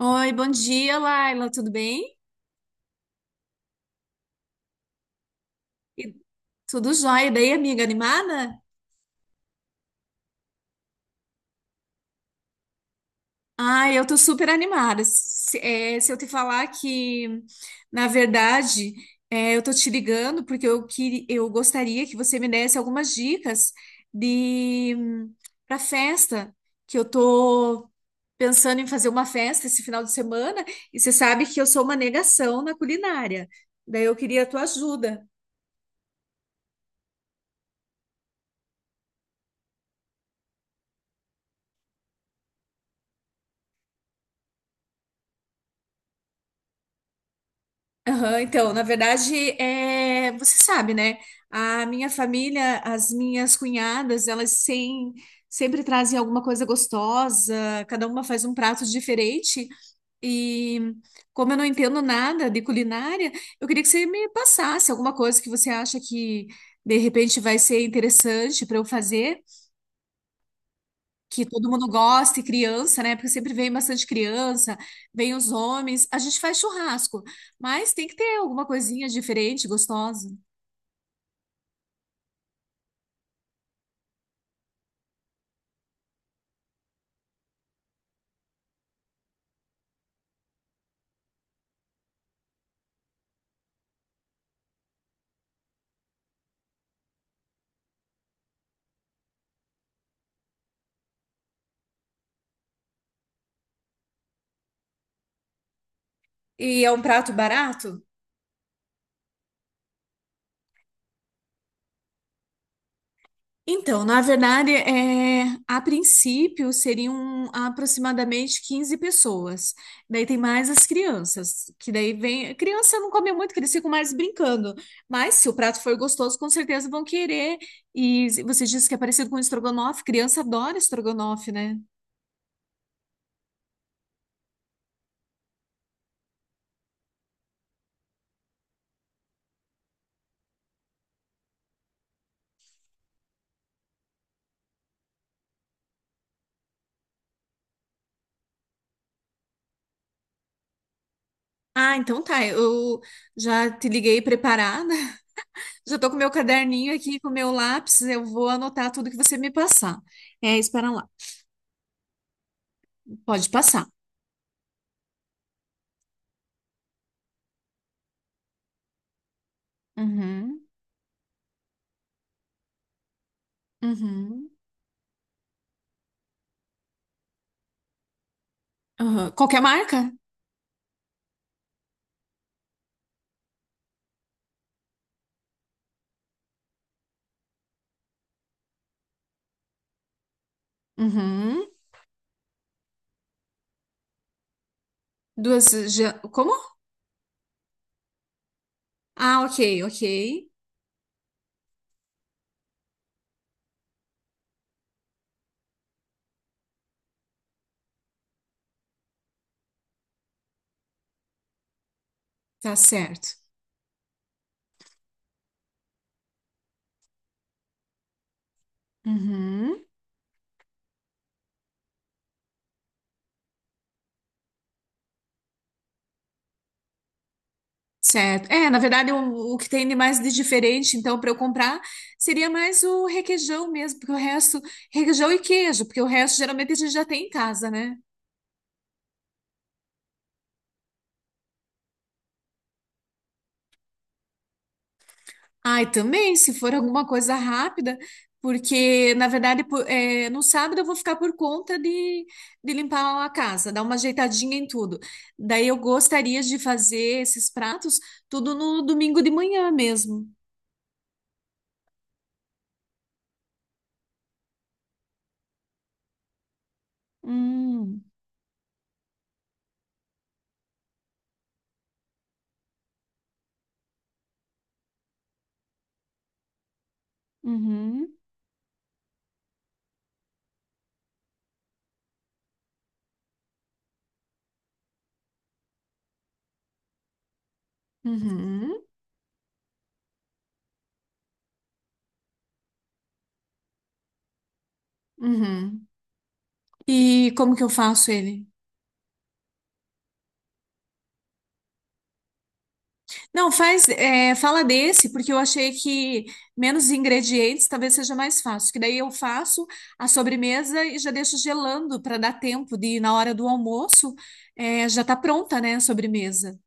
Oi, bom dia, Laila, tudo bem? E- Tudo jóia, e daí, amiga, animada? Ai, eu tô super animada. Se eu te falar que, na verdade, eu tô te ligando porque eu gostaria que você me desse algumas dicas de para festa, que eu tô pensando em fazer uma festa esse final de semana e você sabe que eu sou uma negação na culinária. Daí eu queria a tua ajuda. Aham, então, na verdade, você sabe, né? A minha família, as minhas cunhadas, elas sem- sempre trazem alguma coisa gostosa, cada uma faz um prato diferente. E como eu não entendo nada de culinária, eu queria que você me passasse alguma coisa que você acha que de repente vai ser interessante para eu fazer que todo mundo gosta, e criança, né? Porque sempre vem bastante criança, vem os homens. A gente faz churrasco, mas tem que ter alguma coisinha diferente, gostosa. E é um prato barato? Então, na verdade, a princípio seriam aproximadamente 15 pessoas. Daí tem mais as crianças, que daí vem. Criança não come muito, que eles ficam mais brincando. Mas se o prato for gostoso, com certeza vão querer. E você disse que é parecido com estrogonofe. Criança adora estrogonofe, né? Ah, então tá. Eu já te liguei preparada. Já tô com meu caderninho aqui, com meu lápis. Eu vou anotar tudo que você me passar. É, espera lá. Pode passar. Uhum, uhum, uhum. Qualquer marca? Uhum. Duas. Como? Ah, ok, ok. Tá certo. Uhum. Certo. É, na verdade, o que tem de mais de diferente, então, para eu comprar, seria mais o requeijão mesmo, porque o resto, requeijão e queijo, porque o resto geralmente a gente já tem em casa, né? Ai, também, se for alguma coisa rápida, porque, na verdade, no sábado eu vou ficar por conta de limpar a casa, dar uma ajeitadinha em tudo. Daí eu gostaria de fazer esses pratos tudo no domingo de manhã mesmo. Hum, uhum, uhum, uhum. E como que eu faço ele? Não, faz, fala desse, porque eu achei que menos ingredientes talvez seja mais fácil. Que daí eu faço a sobremesa e já deixo gelando para dar tempo de, na hora do almoço, já tá pronta, né, a sobremesa.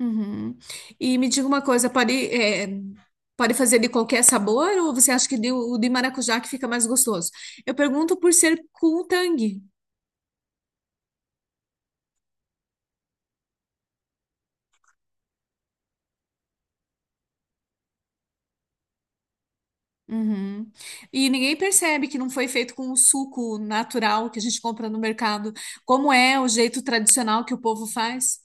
Uhum. E me diga uma coisa, pode fazer de qualquer sabor ou você acha que o de maracujá que fica mais gostoso? Eu pergunto por ser com o Tang. Uhum. E ninguém percebe que não foi feito com o suco natural que a gente compra no mercado, como é o jeito tradicional que o povo faz.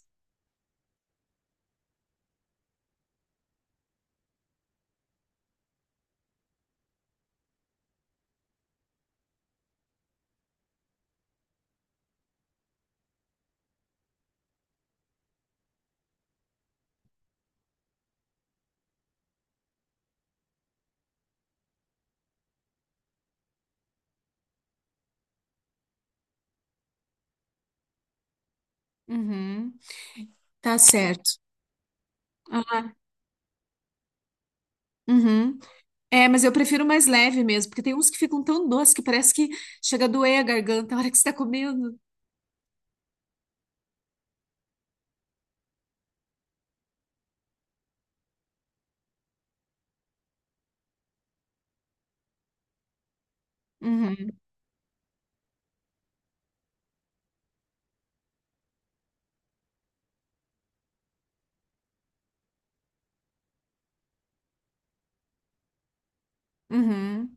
Uhum. Tá certo. Ah, uhum. É, mas eu prefiro mais leve mesmo, porque tem uns que ficam tão doces que parece que chega a doer a garganta na hora que você tá comendo. Uhum. Uhum.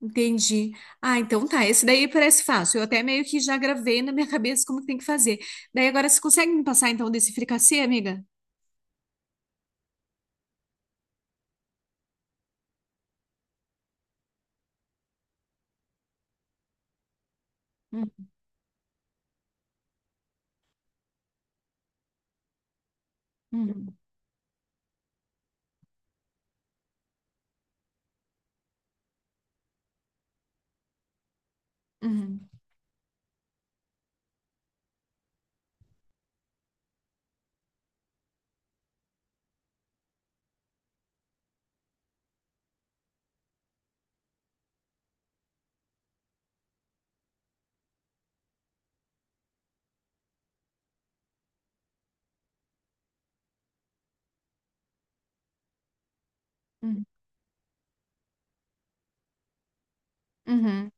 Entendi. Ah, então tá. Esse daí parece fácil. Eu até meio que já gravei na minha cabeça como que tem que fazer. Daí agora você consegue me passar então desse fricassê, amiga? Uhum. Uhum. Uhum. Uhum. Uhum,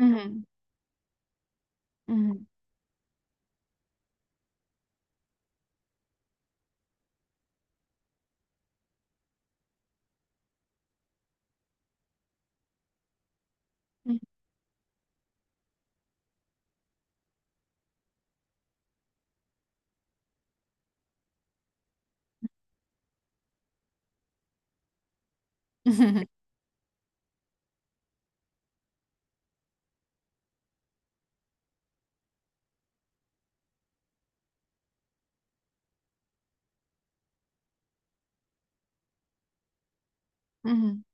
uhum, uhum, uhum, uhum, uhum.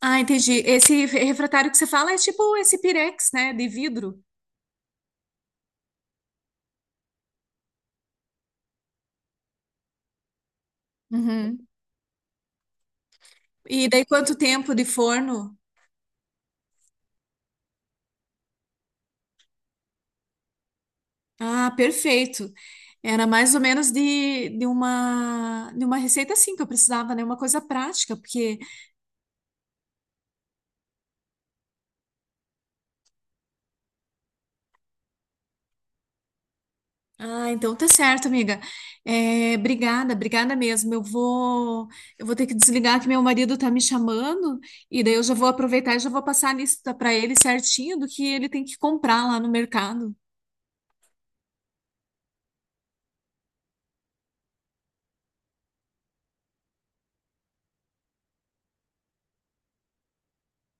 Ah, entendi. Esse refratário que você fala é tipo esse pirex, né, de vidro. Uhum. E daí quanto tempo de forno? Ah, perfeito. Era mais ou menos de uma receita assim que eu precisava, né? Uma coisa prática, porque Ah, então tá certo, amiga. É, obrigada mesmo. Eu vou ter que desligar que meu marido tá me chamando e daí eu já vou aproveitar e já vou passar a lista para ele certinho do que ele tem que comprar lá no mercado.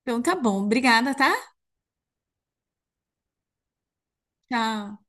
Então tá bom, obrigada, tá? Tchau.